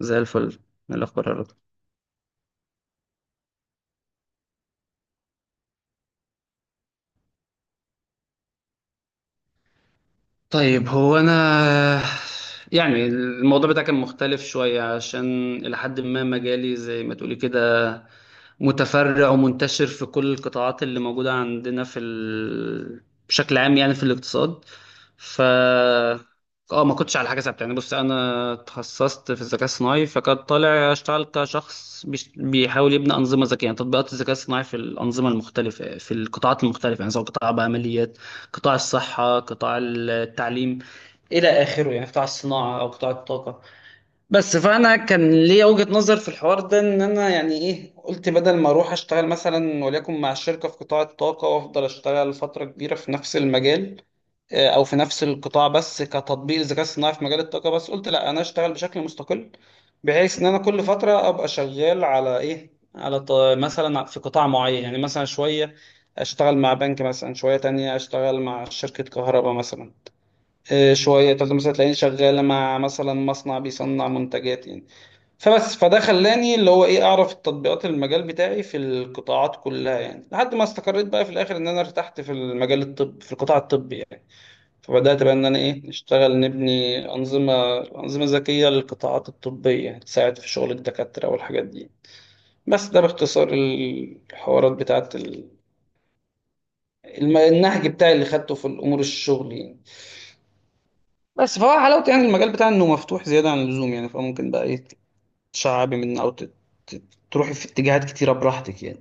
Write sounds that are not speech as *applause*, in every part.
زي الفل. من الاخبار يا رضا؟ طيب هو انا يعني الموضوع بتاعي كان مختلف شويه عشان الى حد ما مجالي زي ما تقولي كده متفرع ومنتشر في كل القطاعات اللي موجودة عندنا في ال... بشكل عام يعني في الاقتصاد. ف اه ما كنتش على حاجة ثابتة يعني. بص، انا تخصصت في الذكاء الصناعي، فكان طالع اشتغل كشخص بيحاول يبني أنظمة ذكية، يعني تطبيقات الذكاء الصناعي في الأنظمة المختلفة في القطاعات المختلفة، يعني سواء قطاع بقى ماليات، قطاع الصحة، قطاع التعليم إلى آخره، يعني قطاع الصناعة أو قطاع الطاقة. بس فانا كان ليا وجهة نظر في الحوار ده، ان انا يعني ايه، قلت بدل ما اروح اشتغل مثلا وليكن مع شركة في قطاع الطاقة وافضل اشتغل فترة كبيرة في نفس المجال او في نفس القطاع، بس كتطبيق الذكاء الصناعي في مجال الطاقة، بس قلت لا انا اشتغل بشكل مستقل، بحيث ان انا كل فترة ابقى شغال على ايه، على مثلا في قطاع معين يعني. مثلا شوية اشتغل مع بنك، مثلا شوية تانية اشتغل مع شركة كهرباء مثلا. شوية تالتة مثلا تلاقيني شغال مع مثلا مصنع بيصنع منتجات يعني. فبس فده خلاني اللي هو ايه، اعرف التطبيقات المجال بتاعي في القطاعات كلها يعني، لحد ما استقريت بقى في الاخر ان انا ارتحت في المجال الطب في القطاع الطبي يعني. فبدات بقى ان انا ايه، نشتغل نبني انظمه ذكيه للقطاعات الطبيه تساعد في شغل الدكاتره والحاجات دي. بس ده باختصار الحوارات بتاعت النهج بتاعي اللي خدته في الامور الشغل يعني. بس فهو حلاوته يعني المجال بتاعي انه مفتوح زياده عن اللزوم يعني، فممكن بقى ايه تشعبي من او تروحي في اتجاهات كتيره براحتك يعني.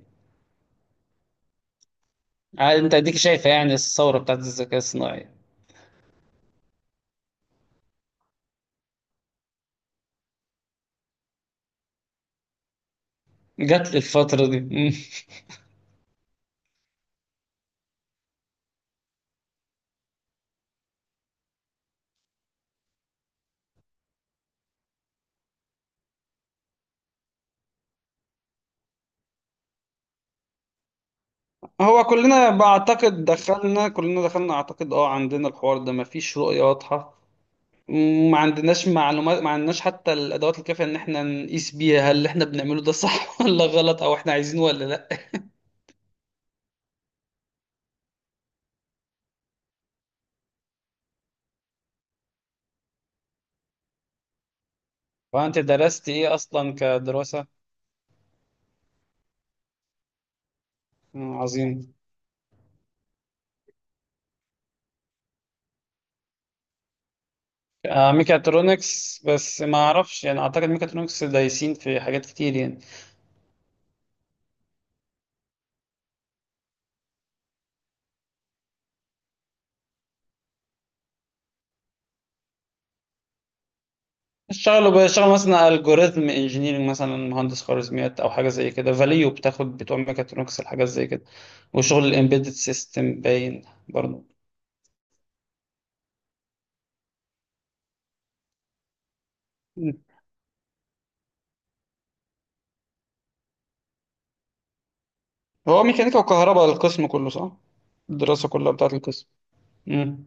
عاد انت اديك شايفه يعني الثوره بتاعت الذكاء الصناعي جت للفتره دي. *laughs* مم. هو كلنا بعتقد دخلنا، كلنا دخلنا اعتقد اه عندنا الحوار ده مفيش رؤية واضحة، ما عندناش معلومات، ما عندناش حتى الادوات الكافية ان احنا نقيس بيها هل اللي احنا بنعمله ده صح *laughs* ولا غلط، او احنا عايزينه ولا لا. وانت درست ايه اصلا كدراسه؟ مم، عظيم. آه ميكاترونكس، بس ما اعرفش يعني، اعتقد ميكاترونكس دايسين في حاجات كتير يعني. بيشتغلوا مثلا الجوريزم انجينيرنج مثلا، مهندس خوارزميات او حاجه زي كده، فاليو بتاخد بتوع ميكاترونكس الحاجات زي كده، وشغل الامبيدد سيستم باين برضه. مم. هو ميكانيكا وكهرباء القسم كله، صح؟ الدراسه كلها بتاعت القسم. امم.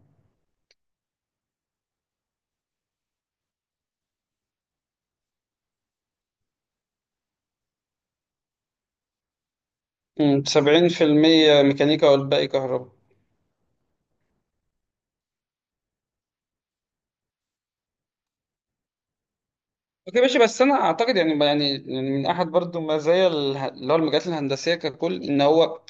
سبعين في المية ميكانيكا والباقي كهرباء. اوكي ماشي، بس انا اعتقد يعني، يعني من احد برضو مزايا اللي هو المجالات الهندسيه ككل، ان هو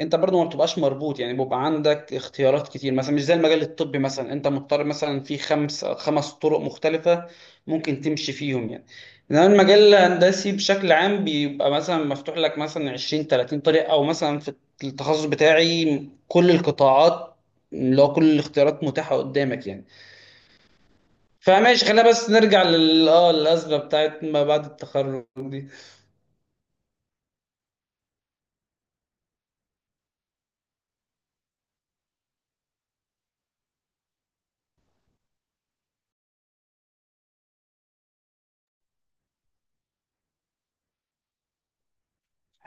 انت برضو ما بتبقاش مربوط يعني، بيبقى عندك اختيارات كتير. مثلا مش زي المجال الطبي مثلا، انت مضطر مثلا في خمس طرق مختلفه ممكن تمشي فيهم يعني. انما المجال الهندسي بشكل عام بيبقى مثلا مفتوح لك مثلا 20 30 طريق، او مثلا في التخصص بتاعي كل القطاعات، اللي هو كل الاختيارات متاحه قدامك يعني. فماشي، خلينا بس نرجع لل الأزمة بتاعت ما بعد التخرج دي.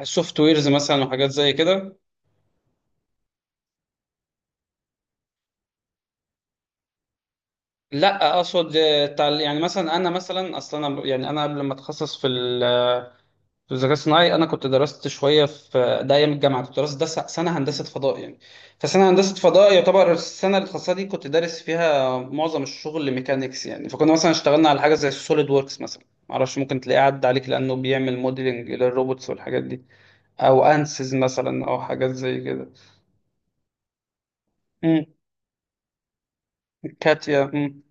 السوفت ويرز مثلا وحاجات زي كده. لا اقصد يعني مثلا انا مثلا اصلا انا يعني انا قبل ما اتخصص في في الذكاء الصناعي، انا كنت درست شويه في ده ايام الجامعه، كنت درست ده سنه هندسه فضاء يعني. فسنه هندسه فضاء يعتبر السنه الخاصه دي كنت دارس فيها معظم الشغل ميكانيكس يعني، فكنا مثلا اشتغلنا على حاجه زي السوليد ووركس مثلا، معرفش ممكن تلاقيه عدى عليك لانه بيعمل موديلنج للروبوتس والحاجات دي، او انسز مثلا او حاجات زي كده. امم. كاتيا. امم.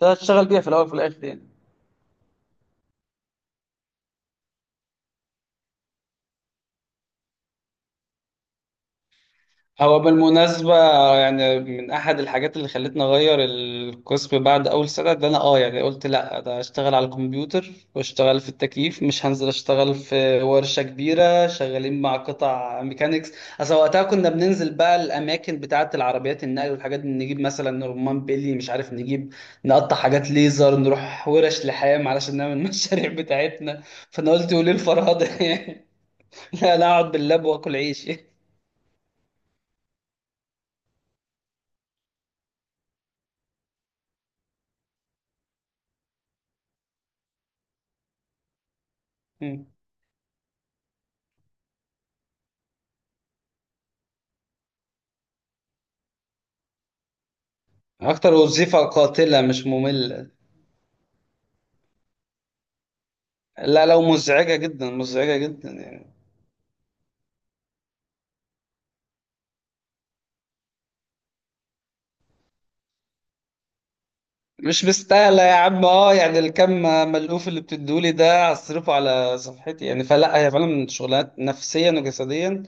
ده هتشتغل بيها في الاول وفي الاخر يعني. هو بالمناسبة يعني من أحد الحاجات اللي خلتني أغير القسم بعد أول سنة ده، أنا أه يعني قلت لأ، ده أشتغل على الكمبيوتر وأشتغل في التكييف، مش هنزل أشتغل في ورشة كبيرة شغالين مع قطع ميكانيكس. أصل وقتها كنا بننزل بقى الأماكن بتاعة العربيات النقل والحاجات دي، نجيب مثلا رمان بيلي، مش عارف نجيب نقطع حاجات ليزر، نروح ورش لحام علشان نعمل *laughs* المشاريع بتاعتنا. فأنا قلت وليه الفرهدة؟ *laughs* يعني لا لا، أقعد باللاب وآكل عيش. *laughs* اكتر وظيفة قاتلة مش مملة. لا لو مزعجة جدا، مزعجة جدا يعني. مش مستاهلة يا عم. اه يعني الكم ملهوف اللي بتدولي ده هصرفه على صفحتي يعني. فلا هي فعلا شغلانات نفسيا وجسديا،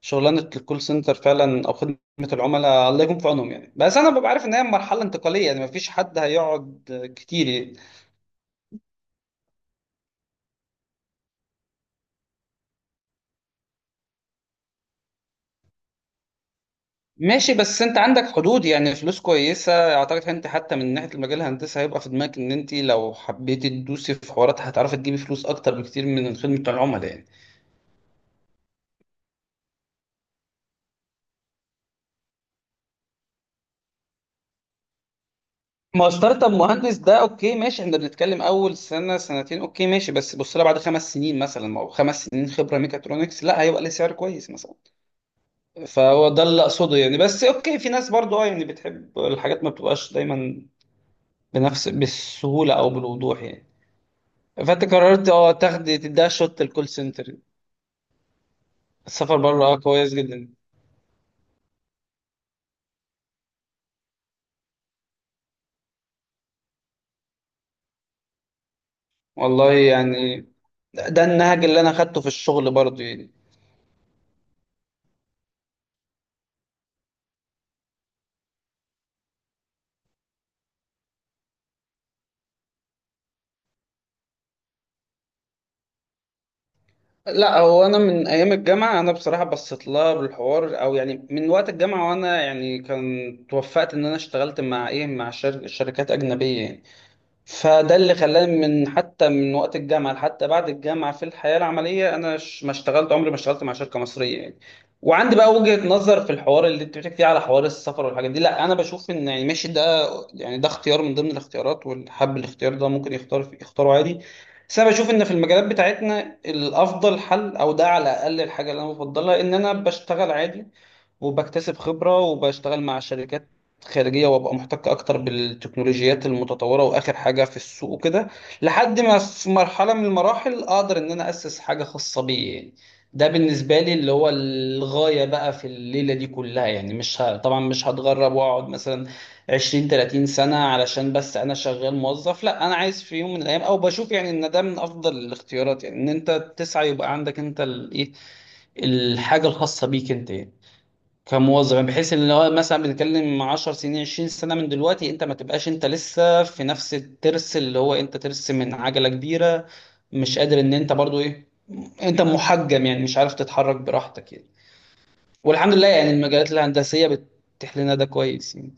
شغلانة الكول سنتر فعلا او خدمة العملاء، الله يكون في عونهم يعني. بس انا ببقى عارف ان هي مرحلة انتقالية يعني، مفيش حد هيقعد كتير يعني. ماشي بس انت عندك حدود يعني. فلوس كويسة، اعتقد انت حتى من ناحية المجال الهندسي هيبقى في دماغك ان انت لو حبيتي تدوسي في حوارات هتعرفي تجيبي فلوس اكتر بكتير من خدمة العملاء يعني. ما هو ستارت اب مهندس ده اوكي ماشي، احنا بنتكلم اول سنة سنتين اوكي ماشي، بس بص لها بعد خمس سنين مثلا او خمس سنين خبرة ميكاترونكس، لا هيبقى ليه سعر كويس مثلا. فهو ده اللي اقصده يعني. بس اوكي، في ناس برضو اه يعني بتحب الحاجات ما بتبقاش دايما بالسهولة او بالوضوح يعني. فانت قررت اه تاخدي تديها شوت الكول سنتر. السفر بره اه كويس جدا. والله يعني ده ده النهج اللي انا خدته في الشغل برضه يعني. لا هو انا من ايام الجامعه انا بصراحه بصيت لها بالحوار، او يعني من وقت الجامعه وانا يعني كان توفقت ان انا اشتغلت مع ايه، مع شركات اجنبيه يعني. فده اللي خلاني من حتى من وقت الجامعة لحتى بعد الجامعة في الحياة العملية أنا ما اشتغلت، عمري ما اشتغلت مع شركة مصرية يعني. وعندي بقى وجهة نظر في الحوار اللي أنت بتحكي فيه على حوار السفر والحاجات دي. لا أنا بشوف إن يعني ماشي ده يعني ده اختيار من ضمن الاختيارات، واللي حب الاختيار ده ممكن يختار يختاره عادي. بس أنا بشوف إن في المجالات بتاعتنا الأفضل حل، أو ده على الأقل الحاجة اللي أنا بفضلها، إن أنا بشتغل عادي وبكتسب خبرة وبشتغل مع شركات خارجية وابقى محتك أكتر بالتكنولوجيات المتطورة وآخر حاجة في السوق وكده، لحد ما في مرحلة من المراحل أقدر إن أنا أسس حاجة خاصة بي يعني. ده بالنسبة لي اللي هو الغاية بقى في الليلة دي كلها يعني. مش ه... طبعا مش هتغرب وأقعد مثلا 20 30 سنة علشان بس أنا شغال موظف. لا أنا عايز في يوم من الأيام، أو بشوف يعني إن ده من أفضل الاختيارات، يعني إن أنت تسعى يبقى عندك أنت الإيه، الحاجة الخاصة بيك أنت يعني. كموظف يعني بحيث ان هو مثلا بنتكلم 10 سنين 20 سنه من دلوقتي، انت ما تبقاش انت لسه في نفس الترس، اللي هو انت ترس من عجله كبيره، مش قادر ان انت برضو ايه، انت محجم يعني مش عارف تتحرك براحتك يعني. والحمد لله يعني المجالات الهندسيه بتتيح لنا ده كويس يعني.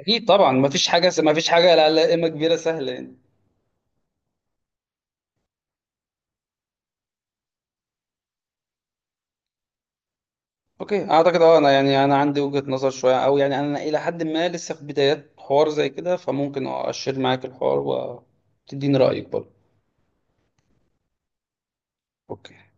اكيد طبعا، ما فيش حاجه لا لائمه كبيره سهله يعني. اوكي اعتقد اه، انا يعني انا عندي وجهه نظر شويه، او يعني انا الى حد ما لسه في بدايات حوار زي كده، فممكن اشير معاك الحوار وتديني رايك برضو. اوكي.